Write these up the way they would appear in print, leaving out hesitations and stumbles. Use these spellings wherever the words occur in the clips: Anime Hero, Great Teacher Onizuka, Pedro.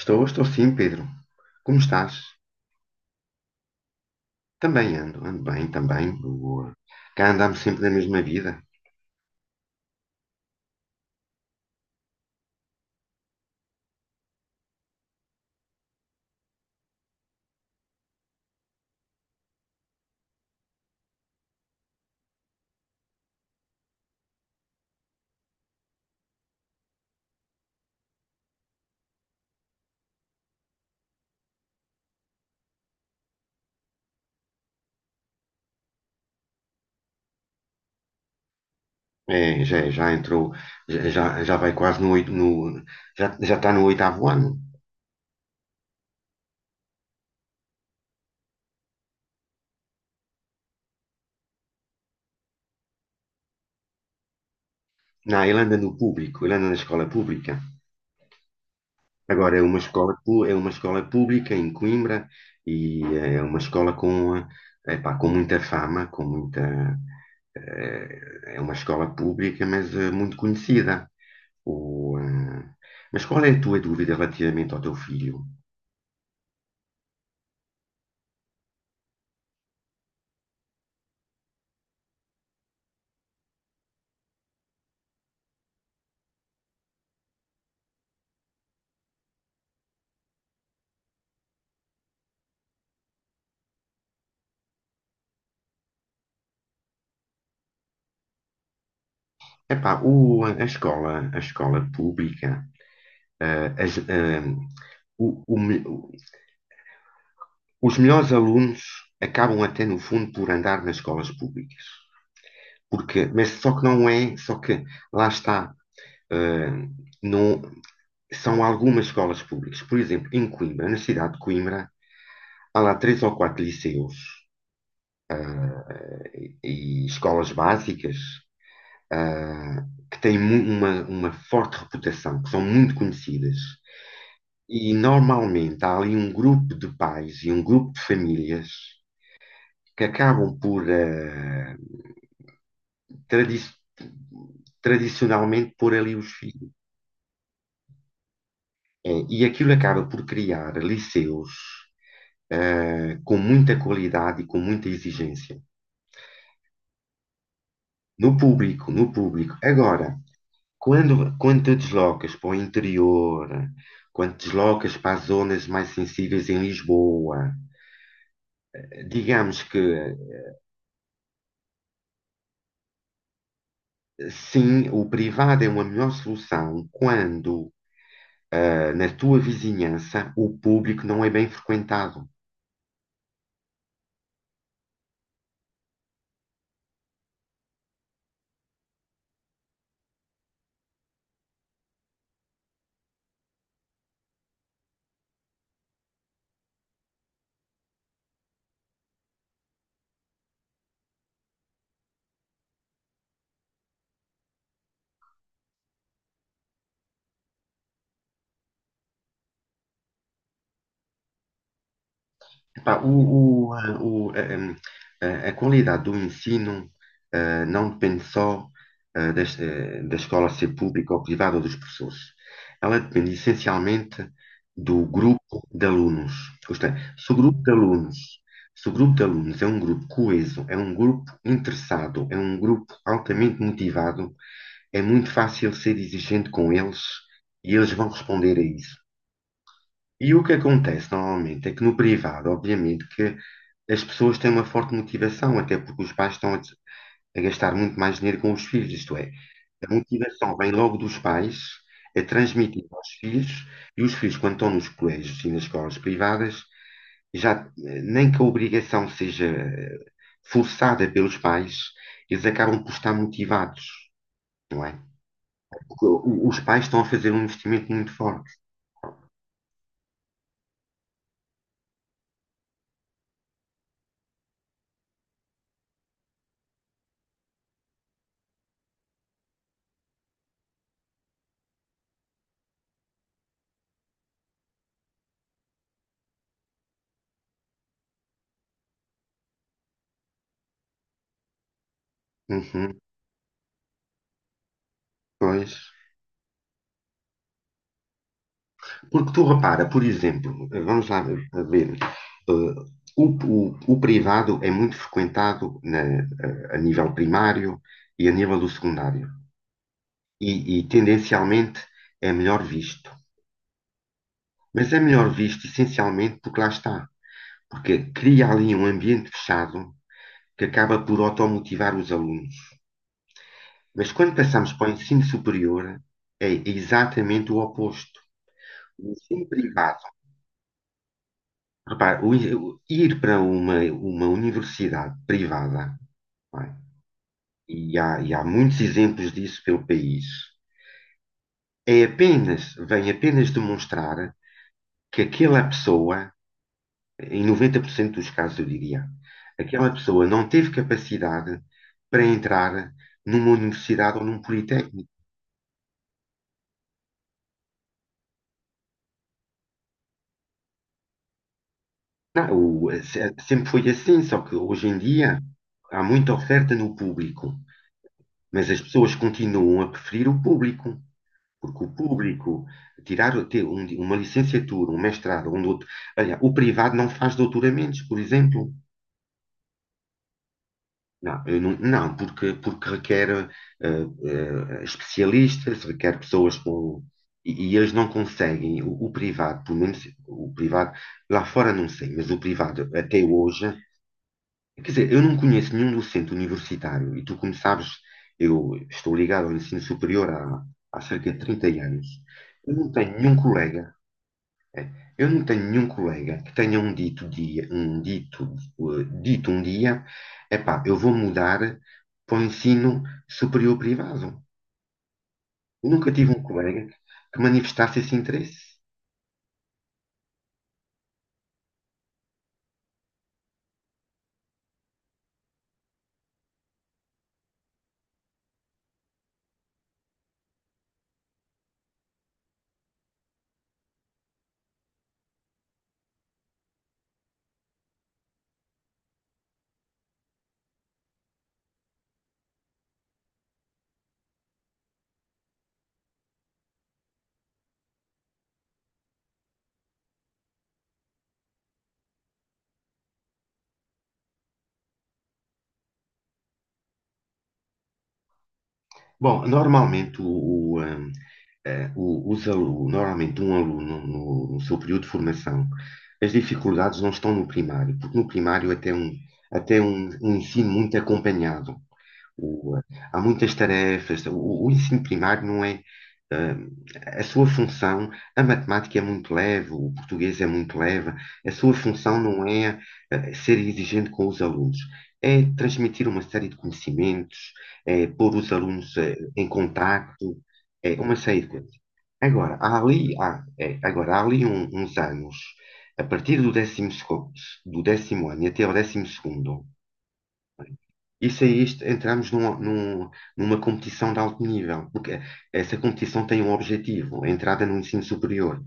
Estou, estou sim, Pedro. Como estás? Também ando bem, também. Boa. Cá andamos sempre na mesma vida. É, já entrou, já, já já vai quase no, já está no oitavo ano. Não, ele anda no público, ele anda na escola pública. Agora é uma escola, é uma escola pública em Coimbra e é uma escola com, epá, com muita fama, é uma escola pública, mas muito conhecida. O, ah, mas qual é a tua dúvida relativamente ao teu filho? Epá, a escola pública, ah, as- ah, o- o me- os melhores alunos acabam até no fundo por andar nas escolas públicas. Porque, mas só que não é, só que lá está, ah, não, são algumas escolas públicas. Por exemplo, em Coimbra, na cidade de Coimbra, há lá três ou quatro liceus e escolas básicas ah, que têm uma forte reputação, que são muito conhecidas. E normalmente há ali um grupo de pais e um grupo de famílias que acabam por, tradi- tradicionalmente, pôr ali os filhos. É, e aquilo acaba por criar liceus, com muita qualidade e com muita exigência. No público, no público. Agora, quando te deslocas para o interior, quando te deslocas para as zonas mais sensíveis em Lisboa, digamos que sim, o privado é uma melhor solução quando, na tua vizinhança o público não é bem frequentado. Pá, a qualidade do ensino não depende só escola ser pública ou privada ou dos professores. Ela depende essencialmente do grupo de alunos. Isto é, se o grupo de alunos, se o grupo de alunos é um grupo coeso, é um grupo interessado, é um grupo altamente motivado, é muito fácil ser exigente com eles e eles vão responder a isso. E o que acontece normalmente é que no privado, obviamente, que as pessoas têm uma forte motivação, até porque os pais estão a gastar muito mais dinheiro com os filhos, isto é, a motivação vem logo dos pais, é transmitida aos filhos, e os filhos, quando estão nos colégios e nas escolas privadas, já nem que a obrigação seja forçada pelos pais, eles acabam por estar motivados, não é? Porque os pais estão a fazer um investimento muito forte. Uhum, pois. Porque tu repara, por exemplo, vamos lá ver, ver, eh, o, o privado é muito frequentado a nível primário e a nível do secundário. E, e, tendencialmente é melhor visto. Mas é melhor visto essencialmente porque lá está. Porque cria ali um ambiente fechado que acaba por automotivar os alunos. Mas quando passamos para o ensino superior, é exatamente o oposto. O ensino privado Repare, ir para uma universidade privada, não é? E há muitos exemplos disso pelo país, vem apenas demonstrar que aquela pessoa, em 90% dos casos eu diria, aquela pessoa não teve capacidade para entrar numa universidade ou num politécnico. Não, sempre foi assim, só que hoje em dia há muita oferta no público, mas as pessoas continuam a preferir o público. Porque o público, tirar o- ter um- uma licenciatura, um mestrado, um doutor... Olha, o privado não faz doutoramentos, por exemplo. Não, eu não, não, porque requer especialistas, requer pessoas com... E eles não conseguem. O privado, pelo menos o privado, lá fora não sei, mas o privado até hoje... Quer dizer, eu não conheço nenhum docente universitário. E tu, como sabes, eu estou ligado ao ensino superior há cerca de 30 anos. Eu não tenho nenhum colega Eu não tenho nenhum colega que tenha dito um dia, epá, eu vou mudar para o ensino superior privado. Eu nunca tive um colega que manifestasse esse interesse. Bom, normalmente o, eh, o- os alu- normalmente um aluno no seu período de formação, as dificuldades não estão no primário, porque no primário até um, um ensino muito acompanhado. O, eh, Há muitas tarefas. O ensino primário não é, eh, a sua função, a matemática é muito leve, o português é muito leve, a sua função não é, ser exigente com os alunos, é transmitir uma série de conhecimentos, é pôr os alunos, em contacto, é, uma série de coisas. Agora, há ali, há, é, agora, há ali uns anos, a partir do décimo ano e até ao décimo segundo, isso aí isto, entramos numa competição de alto nível, porque essa competição tem um objetivo, a entrada no ensino superior.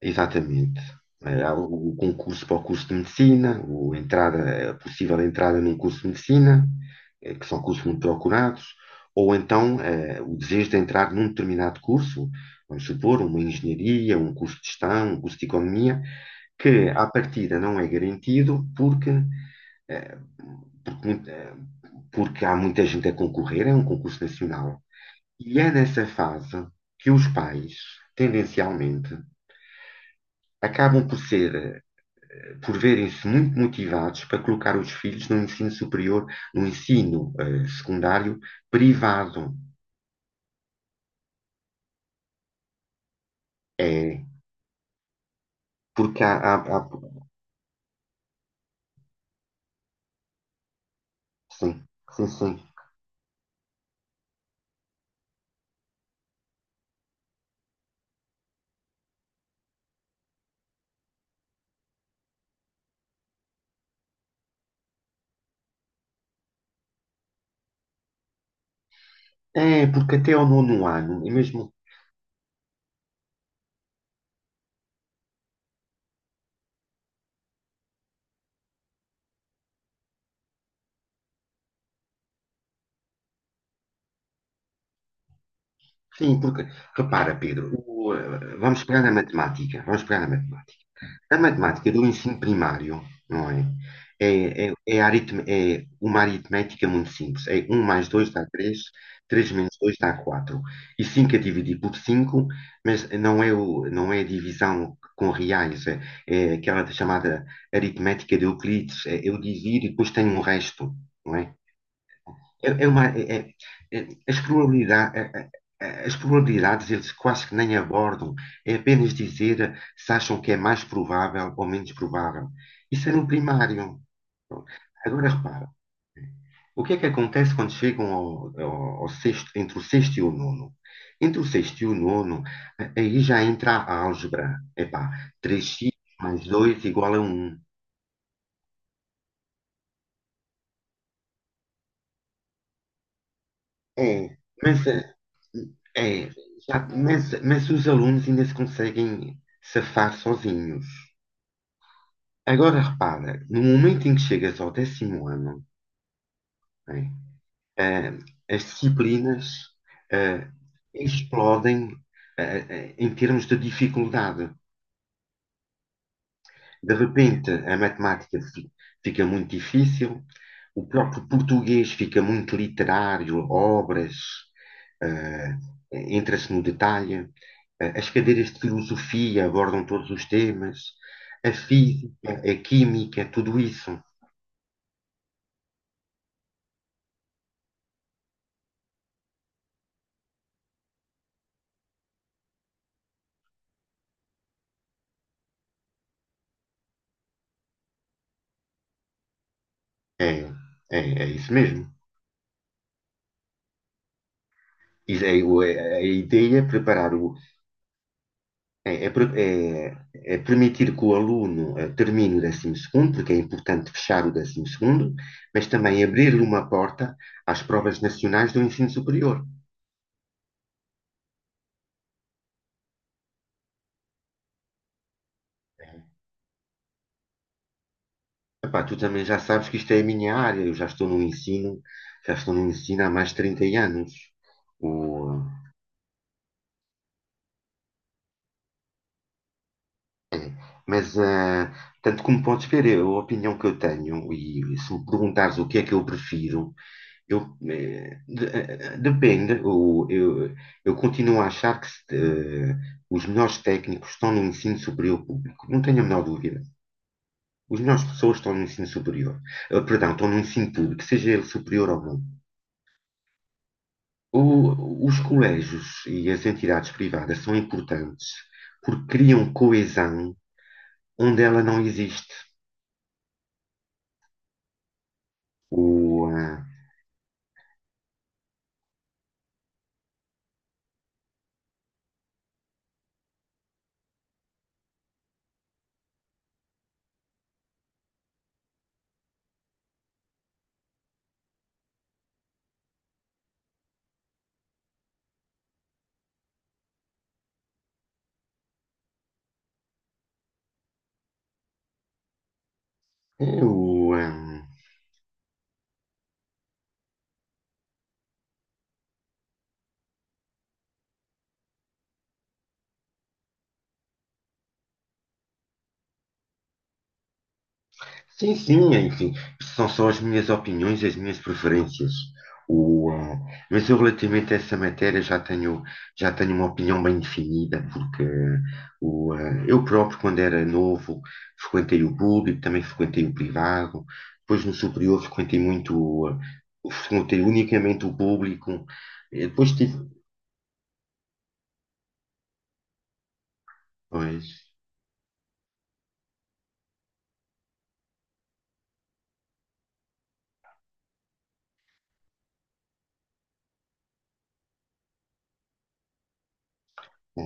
Exatamente. Há o concurso para o curso de medicina, a possível entrada num curso de medicina, que são cursos muito procurados, ou então o desejo de entrar num determinado curso, vamos supor, uma engenharia, um curso de gestão, um curso de economia, que à partida não é garantido porque, eh, porque, muito- eh, porque há muita gente a concorrer, é um concurso nacional. E é nessa fase que os pais, tendencialmente, acabam por verem-se muito motivados para colocar os filhos no ensino secundário privado. É, porque há, sim, sim, sim. É, porque até ao nono ano, e mesmo. Sim, porque, repara, Pedro, vamos pegar na matemática, vamos pegar na matemática. A matemática do ensino primário, não é? É uma aritmética muito simples. É um mais 2 dá 3, 3 menos 2 dá 4. E 5 a dividir por 5, não é a divisão com reais, é aquela chamada aritmética de Euclides. É, eu divido e depois tenho um resto, não é? É, é uma, é- é- é, as probabilidades, eles quase que nem abordam, é apenas dizer se acham que é mais provável ou menos provável. Isso era um primário. Agora repara, o que é que acontece quando chegam ao sexto, entre o sexto e o nono? Entre o sexto e o nono, aí já entra a álgebra. Epá, 3x mais 2 igual a um. É, mas, eh, É, mas os alunos ainda se conseguem safar sozinhos. Agora repara, no momento em que chegas ao décimo ano, né, eh, as disciplinas eh, explodem eh, em termos de dificuldade. De repente, a matemática fica muito difícil, o próprio português fica muito literário, obras, eh, entra-se no detalhe, as cadeiras de filosofia abordam todos os temas, a física, a química, tudo isso. É, é isso mesmo. A ideia é preparar o, É, é pro- é- é permitir que o aluno termine o décimo segundo, porque é importante fechar o décimo segundo, mas também abrir-lhe uma porta às provas nacionais do ensino superior. Epá, tu também já sabes que isto é a minha área, eu já estou no ensino, há mais de 30 anos. O, eh, mas, eh, Tanto como podes ver, a opinião que eu tenho, e se me perguntares o que é que eu prefiro, Eu, eh, de- eh, eh, depende, eu continuo a achar que se, os melhores técnicos estão no ensino superior público, não tenho a menor dúvida. Os melhores pessoas estão no ensino superior. Perdão, estão no ensino público, seja ele superior ou não. Os colégios e as entidades privadas são importantes porque criam coesão onde ela não existe. O, ah, é o, ah, Sim, sim, enfim, são só as minhas opiniões e as minhas preferências. O, ah, mas eu relativamente a essa matéria já tenho uma opinião bem definida, porque eu próprio, quando era novo, frequentei o público, também frequentei o privado, depois no superior frequentei unicamente o público, e depois tive, pois, é,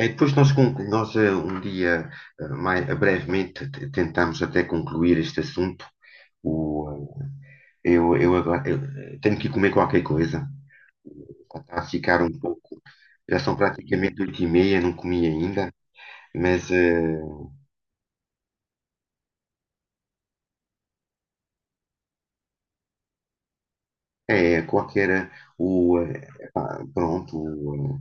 Depois nós um dia, mais, brevemente, tentámos até concluir este assunto. O, eu agora eu tenho que ir comer qualquer coisa. Está a ficar um pouco. Já são praticamente 8h30, não comi ainda. Mas é qualquer. Epá, pronto. o,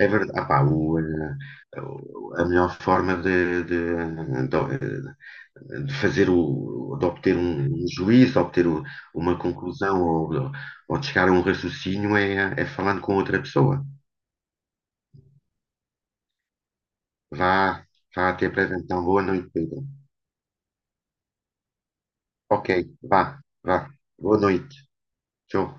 eh, É verdade. Ah, pá, a melhor forma de- de fazer o. de obter um juízo, obter uma conclusão ou de chegar a um raciocínio é falando com outra pessoa. Vá, vá, até breve então. Boa noite, Pedro. Ok, vá, vá. Boa noite. Tchau.